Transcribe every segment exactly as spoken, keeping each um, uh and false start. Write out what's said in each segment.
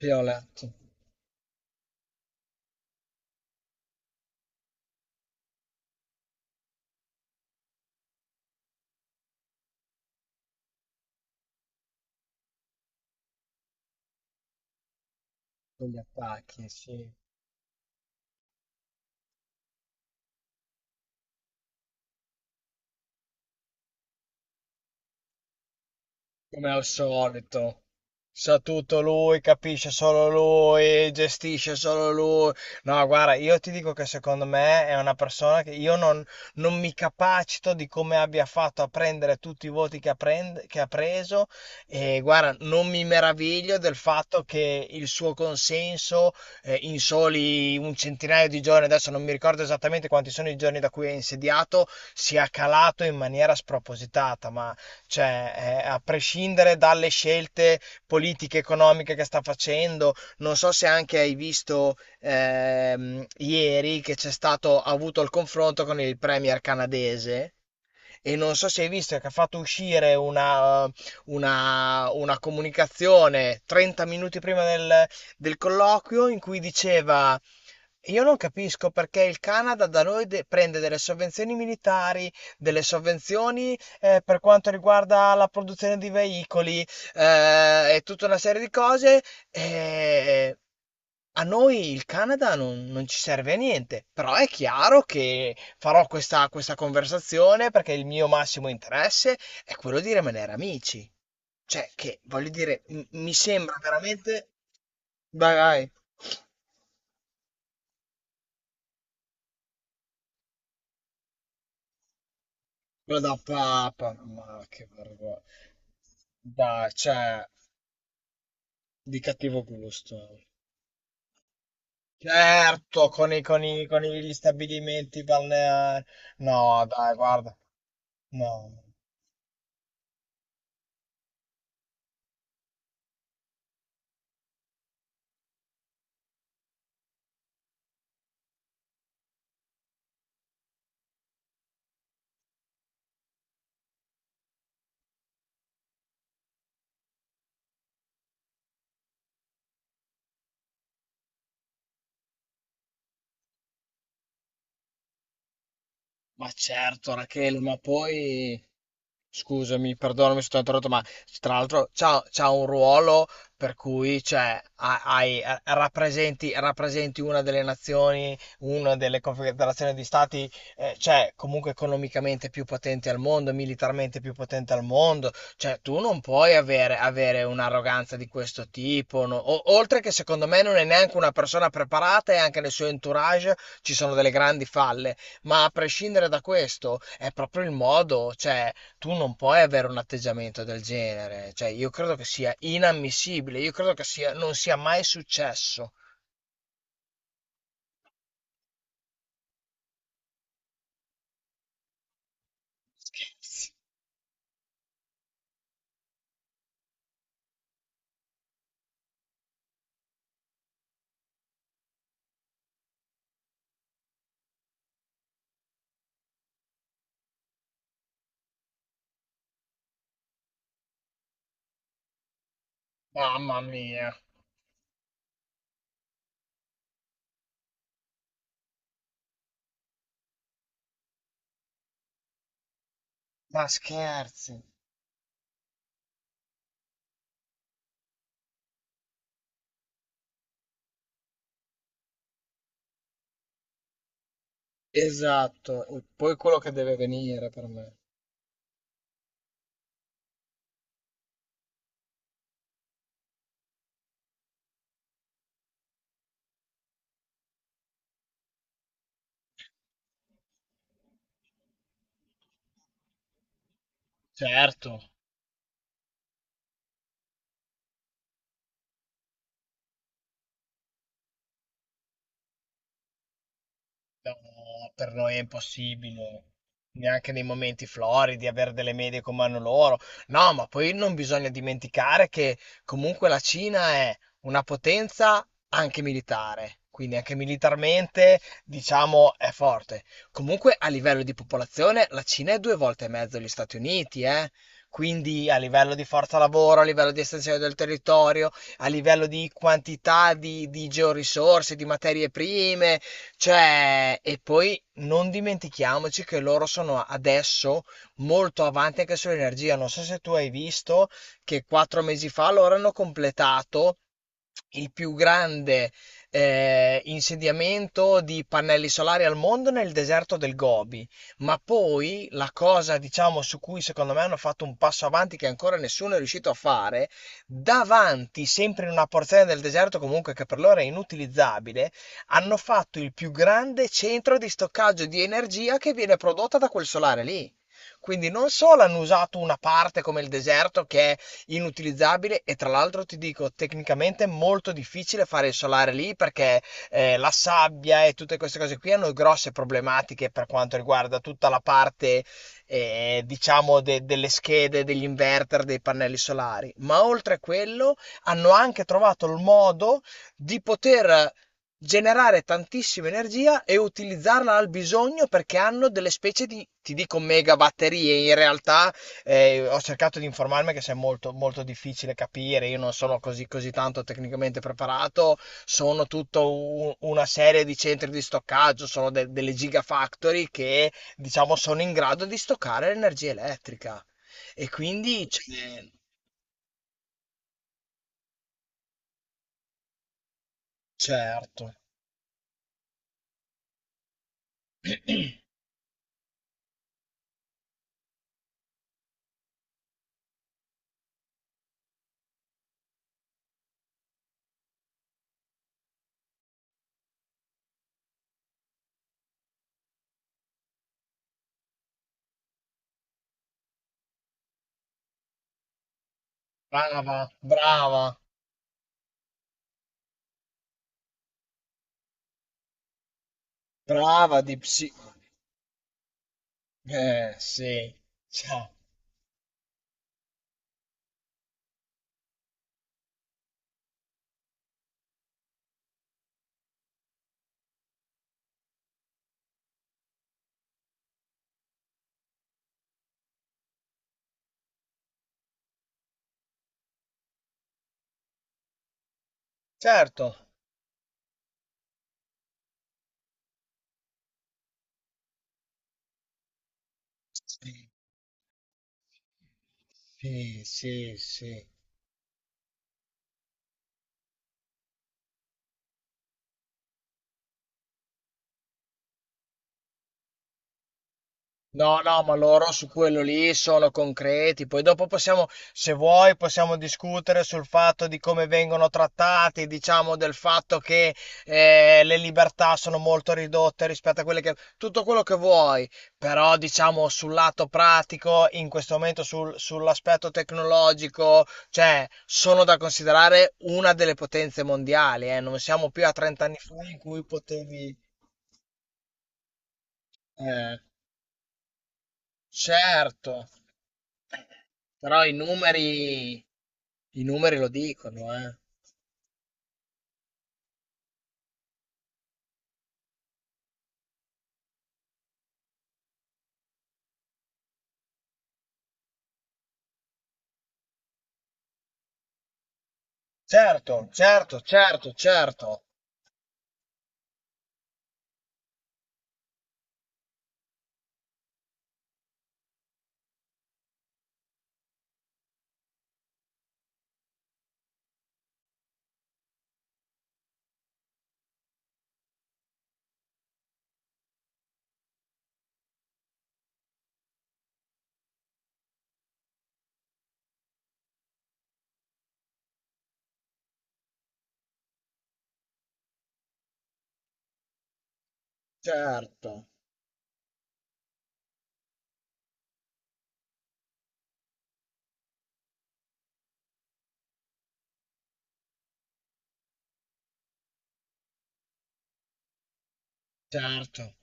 Viola, con gli attacchi, sì. Come al solito. Sa tutto lui, capisce solo lui, gestisce solo lui. No, guarda, io ti dico che secondo me è una persona che io non, non mi capacito di come abbia fatto a prendere tutti i voti che ha, prend- che ha preso. E guarda, non mi meraviglio del fatto che il suo consenso, eh, in soli un centinaio di giorni, adesso non mi ricordo esattamente quanti sono i giorni da cui è insediato, sia calato in maniera spropositata, ma cioè, eh, a prescindere dalle scelte politiche economiche che sta facendo, non so se anche hai visto, ehm, ieri che c'è stato, ha avuto il confronto con il premier canadese e non so se hai visto che ha fatto uscire una, una- una comunicazione trenta minuti prima del, del colloquio in cui diceva: io non capisco perché il Canada da noi de- prende delle sovvenzioni militari, delle sovvenzioni, eh, per quanto riguarda la produzione di veicoli, eh, e tutta una serie di cose. E a noi il Canada non, non ci serve a niente, però è chiaro che farò questa, questa conversazione perché il mio massimo interesse è quello di rimanere amici. Cioè, che voglio dire, m- mi sembra veramente. Dai, dai. Quello da papa. Ma che vergogna. Dai, cioè, di cattivo gusto. Certo, con i, con i, con gli stabilimenti balneari. No, dai, guarda. No. Ma certo, Rachele, ma poi. Scusami, perdonami se ti ho interrotto, ma tra l'altro c'ha, c'ha un ruolo per cui cioè, ha- hai- eh, rappresenti, rappresenti una delle nazioni, una delle confederazioni di stati, eh, cioè, comunque economicamente più potenti al mondo, militarmente più potente al mondo. Cioè, tu non puoi avere, avere un'arroganza di questo tipo, no? O- oltre che secondo me non è neanche una persona preparata e anche nel suo entourage ci sono delle grandi falle. Ma a prescindere da questo, è proprio il modo, cioè tu non puoi avere un atteggiamento del genere, cioè io credo che sia inammissibile, io credo che sia, non sia mai successo. Scherzi. Mamma mia, ma scherzi. Esatto, e poi quello che deve venire per me. Certo. No, per noi è impossibile, neanche nei momenti floridi, avere delle medie come hanno loro. No, ma poi non bisogna dimenticare che comunque la Cina è una potenza anche militare, quindi anche militarmente, diciamo, è forte. Comunque a livello di popolazione la Cina è due volte e mezzo gli Stati Uniti, eh? Quindi a livello di forza lavoro, a livello di estensione del territorio, a livello di quantità di, di georisorse, di materie prime, cioè, e poi non dimentichiamoci che loro sono adesso molto avanti anche sull'energia. Non so se tu hai visto che quattro mesi fa loro hanno completato il più grande, eh, insediamento di pannelli solari al mondo nel deserto del Gobi. Ma poi la cosa, diciamo, su cui secondo me hanno fatto un passo avanti che ancora nessuno è riuscito a fare, davanti, sempre in una porzione del deserto comunque che per loro è inutilizzabile, hanno fatto il più grande centro di stoccaggio di energia che viene prodotta da quel solare lì. Quindi non solo hanno usato una parte come il deserto che è inutilizzabile e tra l'altro ti dico tecnicamente è molto difficile fare il solare lì perché, eh, la sabbia e tutte queste cose qui hanno grosse problematiche per quanto riguarda tutta la parte, eh, diciamo de- delle schede, degli inverter, dei pannelli solari, ma oltre a quello hanno anche trovato il modo di poter generare tantissima energia e utilizzarla al bisogno perché hanno delle specie di, ti dico, mega batterie in realtà. Eh, ho cercato di informarmi che se è molto, molto difficile capire, io non sono così, così tanto tecnicamente preparato, sono tutta u- una serie di centri di stoccaggio, sono de- delle gigafactory che diciamo sono in grado di stoccare l'energia elettrica. E quindi, cioè, certo, brava, brava, brava di psi... Eh, sì, ciao, certo. Sì, sì, sì, sì. No, no, ma loro su quello lì sono concreti. Poi dopo possiamo, se vuoi, possiamo discutere sul fatto di come vengono trattati, diciamo del fatto che, eh, le libertà sono molto ridotte rispetto a quelle che... Tutto quello che vuoi, però diciamo sul lato pratico, in questo momento sul- sull'aspetto tecnologico, cioè sono da considerare una delle potenze mondiali, eh. Non siamo più a trenta anni fa in cui potevi... Eh, certo. Però i numeri, i numeri lo dicono, eh. Certo, certo, certo, certo, certo, certo,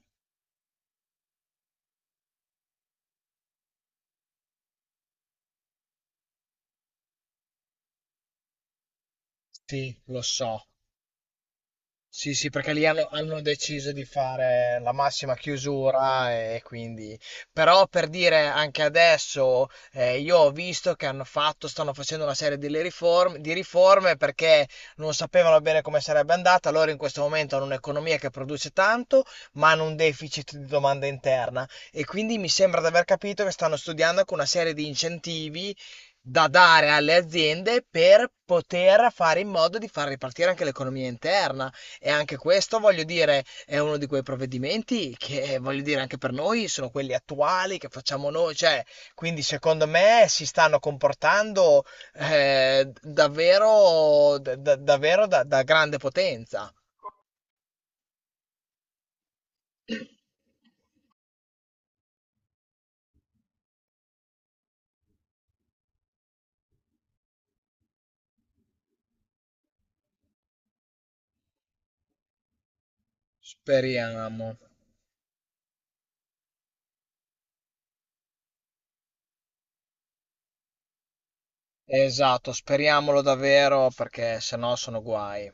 sì, lo so. Sì, sì, perché lì hanno, hanno deciso di fare la massima chiusura e quindi... Però per dire anche adesso, eh, io ho visto che hanno fatto, stanno facendo una serie di, le riform- di riforme perché non sapevano bene come sarebbe andata. Loro in questo momento hanno un'economia che produce tanto, ma hanno un deficit di domanda interna. E quindi mi sembra di aver capito che stanno studiando anche una serie di incentivi da dare alle aziende per poter fare in modo di far ripartire anche l'economia interna. E anche questo, voglio dire, è uno di quei provvedimenti che, voglio dire, anche per noi sono quelli attuali che facciamo noi, cioè, quindi secondo me si stanno comportando, eh, davvero, da- da- davvero da, da grande potenza. Speriamo. Esatto, speriamolo davvero perché sennò sono guai.